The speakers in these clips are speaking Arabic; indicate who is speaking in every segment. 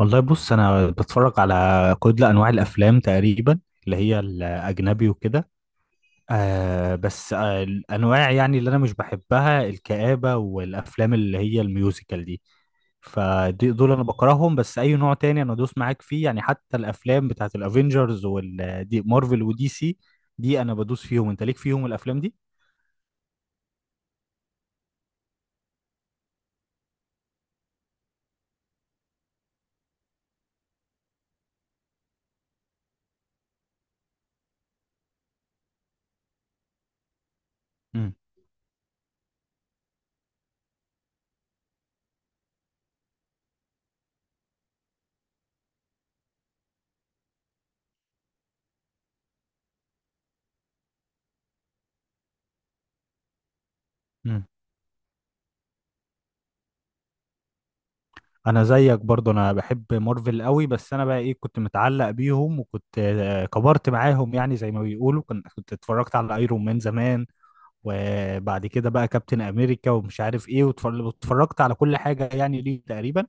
Speaker 1: والله بص انا بتفرج على كل انواع الافلام تقريبا اللي هي الاجنبي وكده. بس الانواع يعني اللي انا مش بحبها الكآبة والافلام اللي هي الميوزيكال دي. فدي دول انا بكرههم، بس اي نوع تاني انا دوس معاك فيه يعني، حتى الافلام بتاعت الافينجرز والدي مارفل ودي سي. دي انا بدوس فيهم. انت ليك فيهم الافلام دي؟ امم انا زيك برضو، انا بحب مارفل قوي. بس انا بقى ايه، كنت متعلق بيهم وكنت كبرت معاهم، يعني زي ما بيقولوا، كنت اتفرجت على ايرون مان زمان. وبعد كده بقى كابتن امريكا ومش عارف ايه، واتفرجت على كل حاجة يعني ليه تقريبا.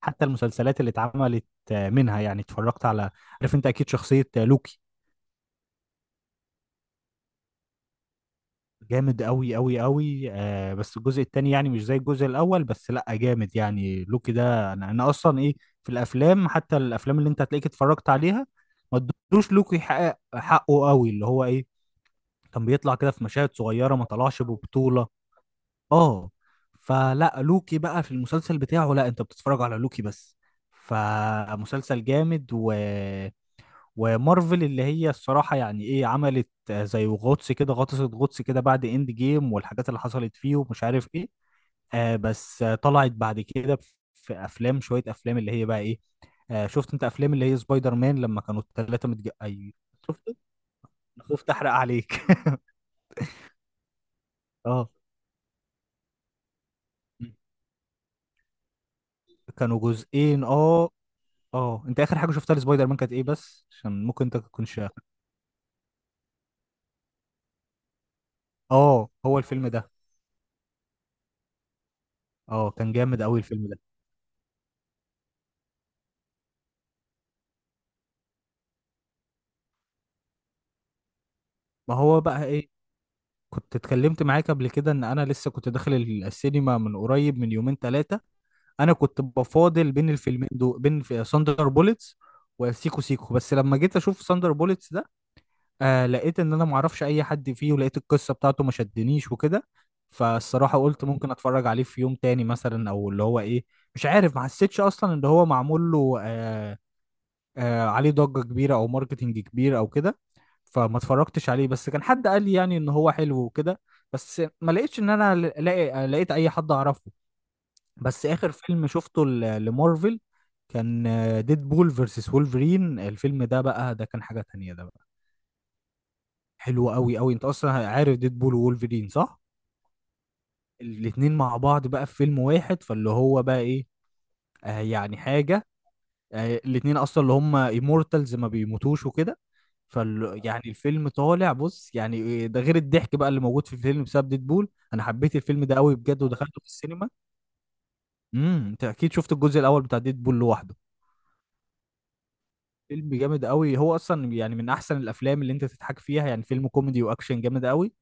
Speaker 1: حتى المسلسلات اللي اتعملت منها يعني اتفرجت على، عارف انت اكيد شخصية لوكي. جامد قوي قوي قوي. بس الجزء التاني يعني مش زي الجزء الاول، بس لا جامد. يعني لوكي ده انا اصلا ايه، في الافلام حتى الافلام اللي انت هتلاقيك اتفرجت عليها، ما ادوش لوكي حقه. حقه قوي اللي هو ايه، كان بيطلع كده في مشاهد صغيره، ما طلعش ببطوله. اه. فلا لوكي بقى في المسلسل بتاعه، لا، انت بتتفرج على لوكي بس. فمسلسل جامد و ومارفل اللي هي الصراحة يعني ايه، عملت زي غطس كده، غطست غطس كده بعد اند جيم والحاجات اللي حصلت فيه ومش عارف ايه. بس طلعت بعد كده في افلام، شوية افلام اللي هي بقى ايه. شفت انت افلام اللي هي سبايدر مان لما كانوا الثلاثة اي، شفت. أنا خفت احرق عليك اه كانوا جزئين اه. اه، انت اخر حاجة شفتها لسبايدر مان كانت ايه، بس عشان ممكن انت تكونش. اه، هو الفيلم ده اه، كان جامد قوي الفيلم ده. ما هو بقى ايه، كنت اتكلمت معاك قبل كده ان انا لسه كنت داخل السينما من قريب من يومين ثلاثه. انا كنت بفاضل بين الفيلمين دول، بين في ساندر بوليتس وسيكو سيكو. بس لما جيت اشوف ساندر بوليتس ده لقيت ان انا معرفش اي حد فيه، ولقيت القصه بتاعته ما شدنيش وكده. فالصراحه قلت ممكن اتفرج عليه في يوم تاني مثلا، او اللي هو ايه، مش عارف. ما حسيتش اصلا ان هو معمول له عليه ضجه كبيره او ماركتنج كبير او كده. فما اتفرجتش عليه. بس كان حد قال لي يعني ان هو حلو وكده، بس ما لقيتش ان انا ل- لاقي لقيت اي حد اعرفه. بس اخر فيلم شفته لمارفل كان ديد بول فيرسس وولفرين. الفيلم ده بقى، ده كان حاجة تانية. ده بقى حلو قوي قوي. انت اصلا عارف ديد بول وولفرين صح؟ الاتنين مع بعض بقى في فيلم واحد، فاللي هو بقى ايه، يعني حاجة، يعني الاتنين اصلا اللي هم ايمورتالز، ما بيموتوش وكده. فال آه. يعني الفيلم طالع، بص يعني إيه ده، غير الضحك بقى اللي موجود في الفيلم بسبب ديدبول. انا حبيت الفيلم ده قوي بجد. ودخلته في السينما. انت اكيد شفت الجزء الاول بتاع ديدبول لوحده. فيلم جامد قوي، هو اصلا يعني من احسن الافلام اللي انت تضحك فيها. يعني فيلم كوميدي واكشن جامد قوي.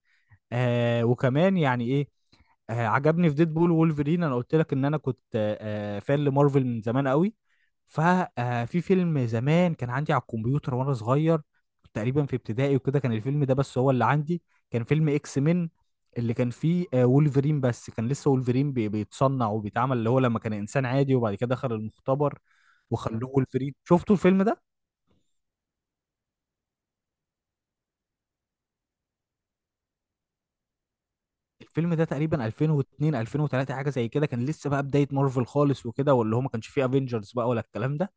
Speaker 1: وكمان يعني ايه، عجبني في ديد بول وولفرين، انا قلت لك ان انا كنت فان لمارفل من زمان قوي. ففي فيلم زمان كان عندي على الكمبيوتر، وانا صغير كنت تقريبا في ابتدائي وكده، كان الفيلم ده بس هو اللي عندي. كان فيلم اكس مين، اللي كان فيه وولفرين. بس كان لسه وولفرين بيتصنع وبيتعمل، اللي هو لما كان انسان عادي وبعد كده دخل المختبر وخلوه وولفرين. شفتوا الفيلم ده؟ الفيلم ده تقريبا 2002 2003 حاجه زي كده، كان لسه بقى بدايه مارفل خالص وكده، واللي هو ما كانش فيه افنجرز بقى ولا الكلام ده.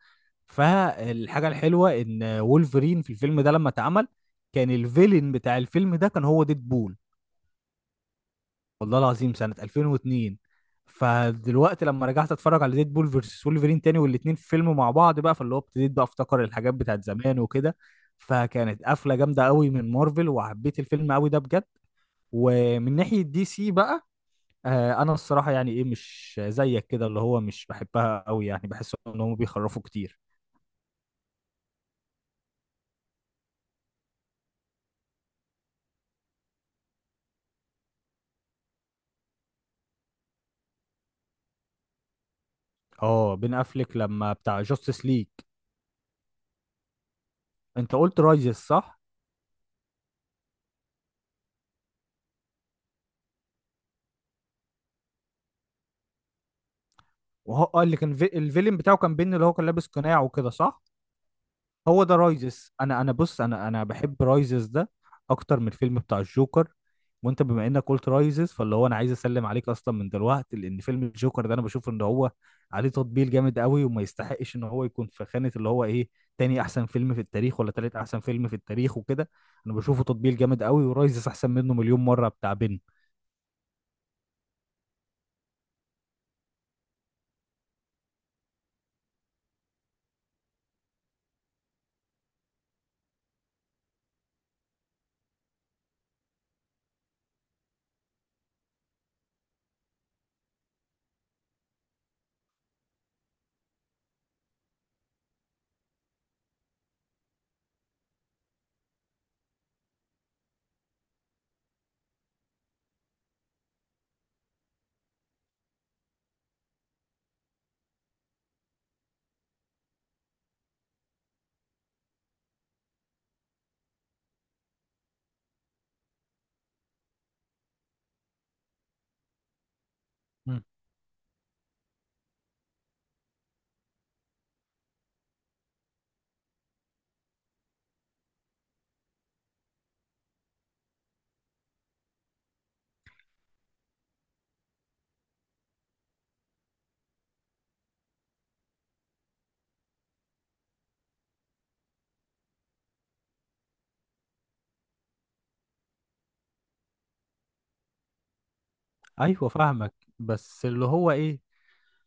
Speaker 1: فالحاجه الحلوه ان وولفرين في الفيلم ده لما اتعمل، كان الفيلن بتاع الفيلم ده كان هو ديدبول. والله العظيم سنه 2002. فدلوقتي لما رجعت اتفرج على ديدبول فيرسس وولفرين تاني والاتنين في فيلم مع بعض بقى، فاللي هو ابتديت بقى افتكر الحاجات بتاعت زمان وكده. فكانت قفله جامده قوي من مارفل، وحبيت الفيلم قوي ده بجد. ومن ناحيه دي سي بقى، انا الصراحه يعني ايه، مش زيك كده، اللي هو مش بحبها قوي. يعني بحس ان هم بيخرفوا كتير. اه، بين افليك لما بتاع جاستس ليج. انت قلت رايزس صح؟ وهو اه الفيلم بتاعه كان بين، اللي هو كان لابس قناع وكده صح؟ هو ده رايزس. انا بص، انا بحب رايزس ده اكتر من الفيلم بتاع الجوكر. وانت بما انك قلت رايزس، فاللي هو انا عايز اسلم عليك اصلا من دلوقتي. لان فيلم الجوكر ده انا بشوف ان هو عليه تطبيل جامد قوي، وما يستحقش ان هو يكون في خانة اللي هو ايه، تاني احسن فيلم في التاريخ، ولا تالت احسن فيلم في التاريخ وكده. انا بشوفه تطبيل جامد قوي، ورايزس احسن منه مليون مرة، بتاع بن. ايوه فاهمك. بس اللي هو ايه،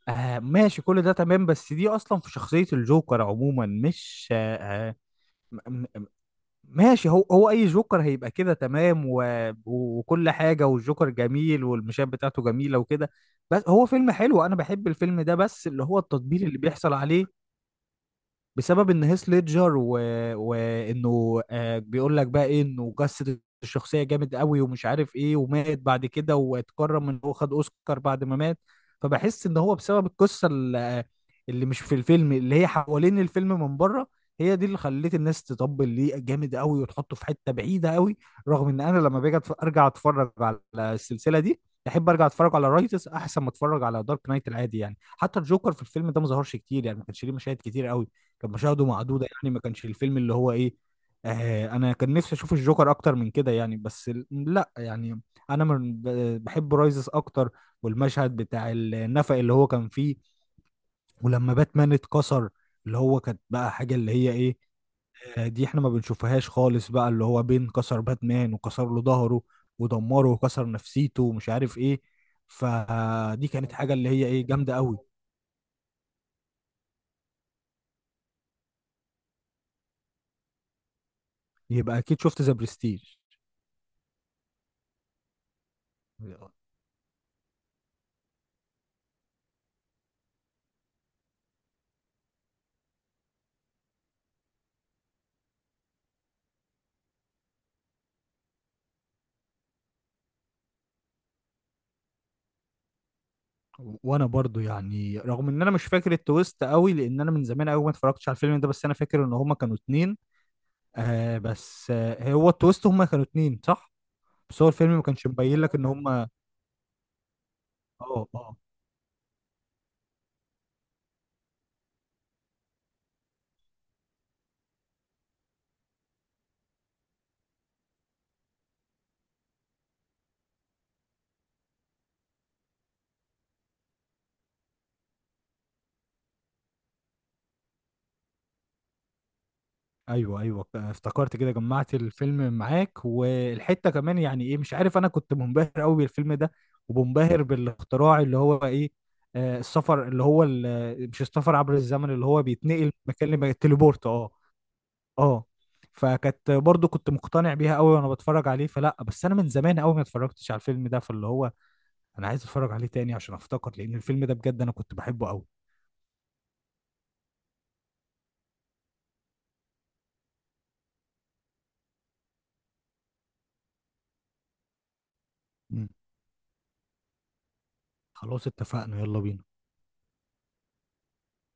Speaker 1: ماشي كل ده تمام، بس دي اصلا في شخصية الجوكر عموما مش آه، م- م- ماشي. هو اي جوكر هيبقى كده تمام، وكل حاجة، والجوكر جميل والمشاهد بتاعته جميلة وكده. بس هو فيلم حلو، انا بحب الفيلم ده، بس اللي هو التطبيل اللي بيحصل عليه بسبب ان هيث ليدجر وانه بيقول لك بقى ايه، انه جسد الشخصيه جامد قوي ومش عارف ايه، ومات بعد كده، واتكرم ان هو خد اوسكار بعد ما مات. فبحس ان هو بسبب القصه اللي مش في الفيلم، اللي هي حوالين الفيلم من بره، هي دي اللي خلت الناس تطبل ليه جامد قوي، وتحطه في حته بعيده قوي. رغم ان انا لما باجي ارجع اتفرج على السلسله دي، احب ارجع اتفرج على رايتس احسن ما اتفرج على دارك نايت العادي. يعني حتى الجوكر في الفيلم ده ما ظهرش كتير، يعني ما كانش ليه مشاهد كتير قوي، كانت مشاهده معدوده. يعني ما كانش الفيلم اللي هو ايه، انا كان نفسي اشوف الجوكر اكتر من كده يعني. بس لا يعني، انا من بحب رايزس اكتر. والمشهد بتاع النفق اللي هو كان فيه، ولما باتمان اتكسر، اللي هو كانت بقى حاجه اللي هي ايه، دي احنا ما بنشوفهاش خالص بقى، اللي هو بين كسر باتمان وكسر له ظهره ودمره وكسر نفسيته ومش عارف ايه. فدي كانت حاجه اللي هي ايه، جامده قوي. يبقى اكيد شفت ذا برستيج. وانا برضو يعني رغم ان انا مش فاكر التويست قوي، لان انا من زمان قوي ما اتفرجتش على الفيلم ده، بس انا فاكر ان هما كانوا اتنين. بس هو التويست هما كانوا اتنين صح؟ بس هو الفيلم ما كانش مبين لك ان هما. اه اه، ايوه ايوه، افتكرت كده، جمعت الفيلم معاك والحته كمان يعني ايه، مش عارف، انا كنت منبهر قوي بالفيلم ده ومنبهر بالاختراع اللي هو ايه، السفر اللي هو مش السفر عبر الزمن، اللي هو بيتنقل مكان لمكان، التليبورت. اه. اه، فكانت برضو كنت مقتنع بيها قوي وانا بتفرج عليه. فلا بس انا من زمان قوي ما اتفرجتش على الفيلم ده، فاللي هو انا عايز اتفرج عليه تاني عشان افتكر، لان الفيلم ده بجد انا كنت بحبه قوي. مم. خلاص اتفقنا، يلا بينا.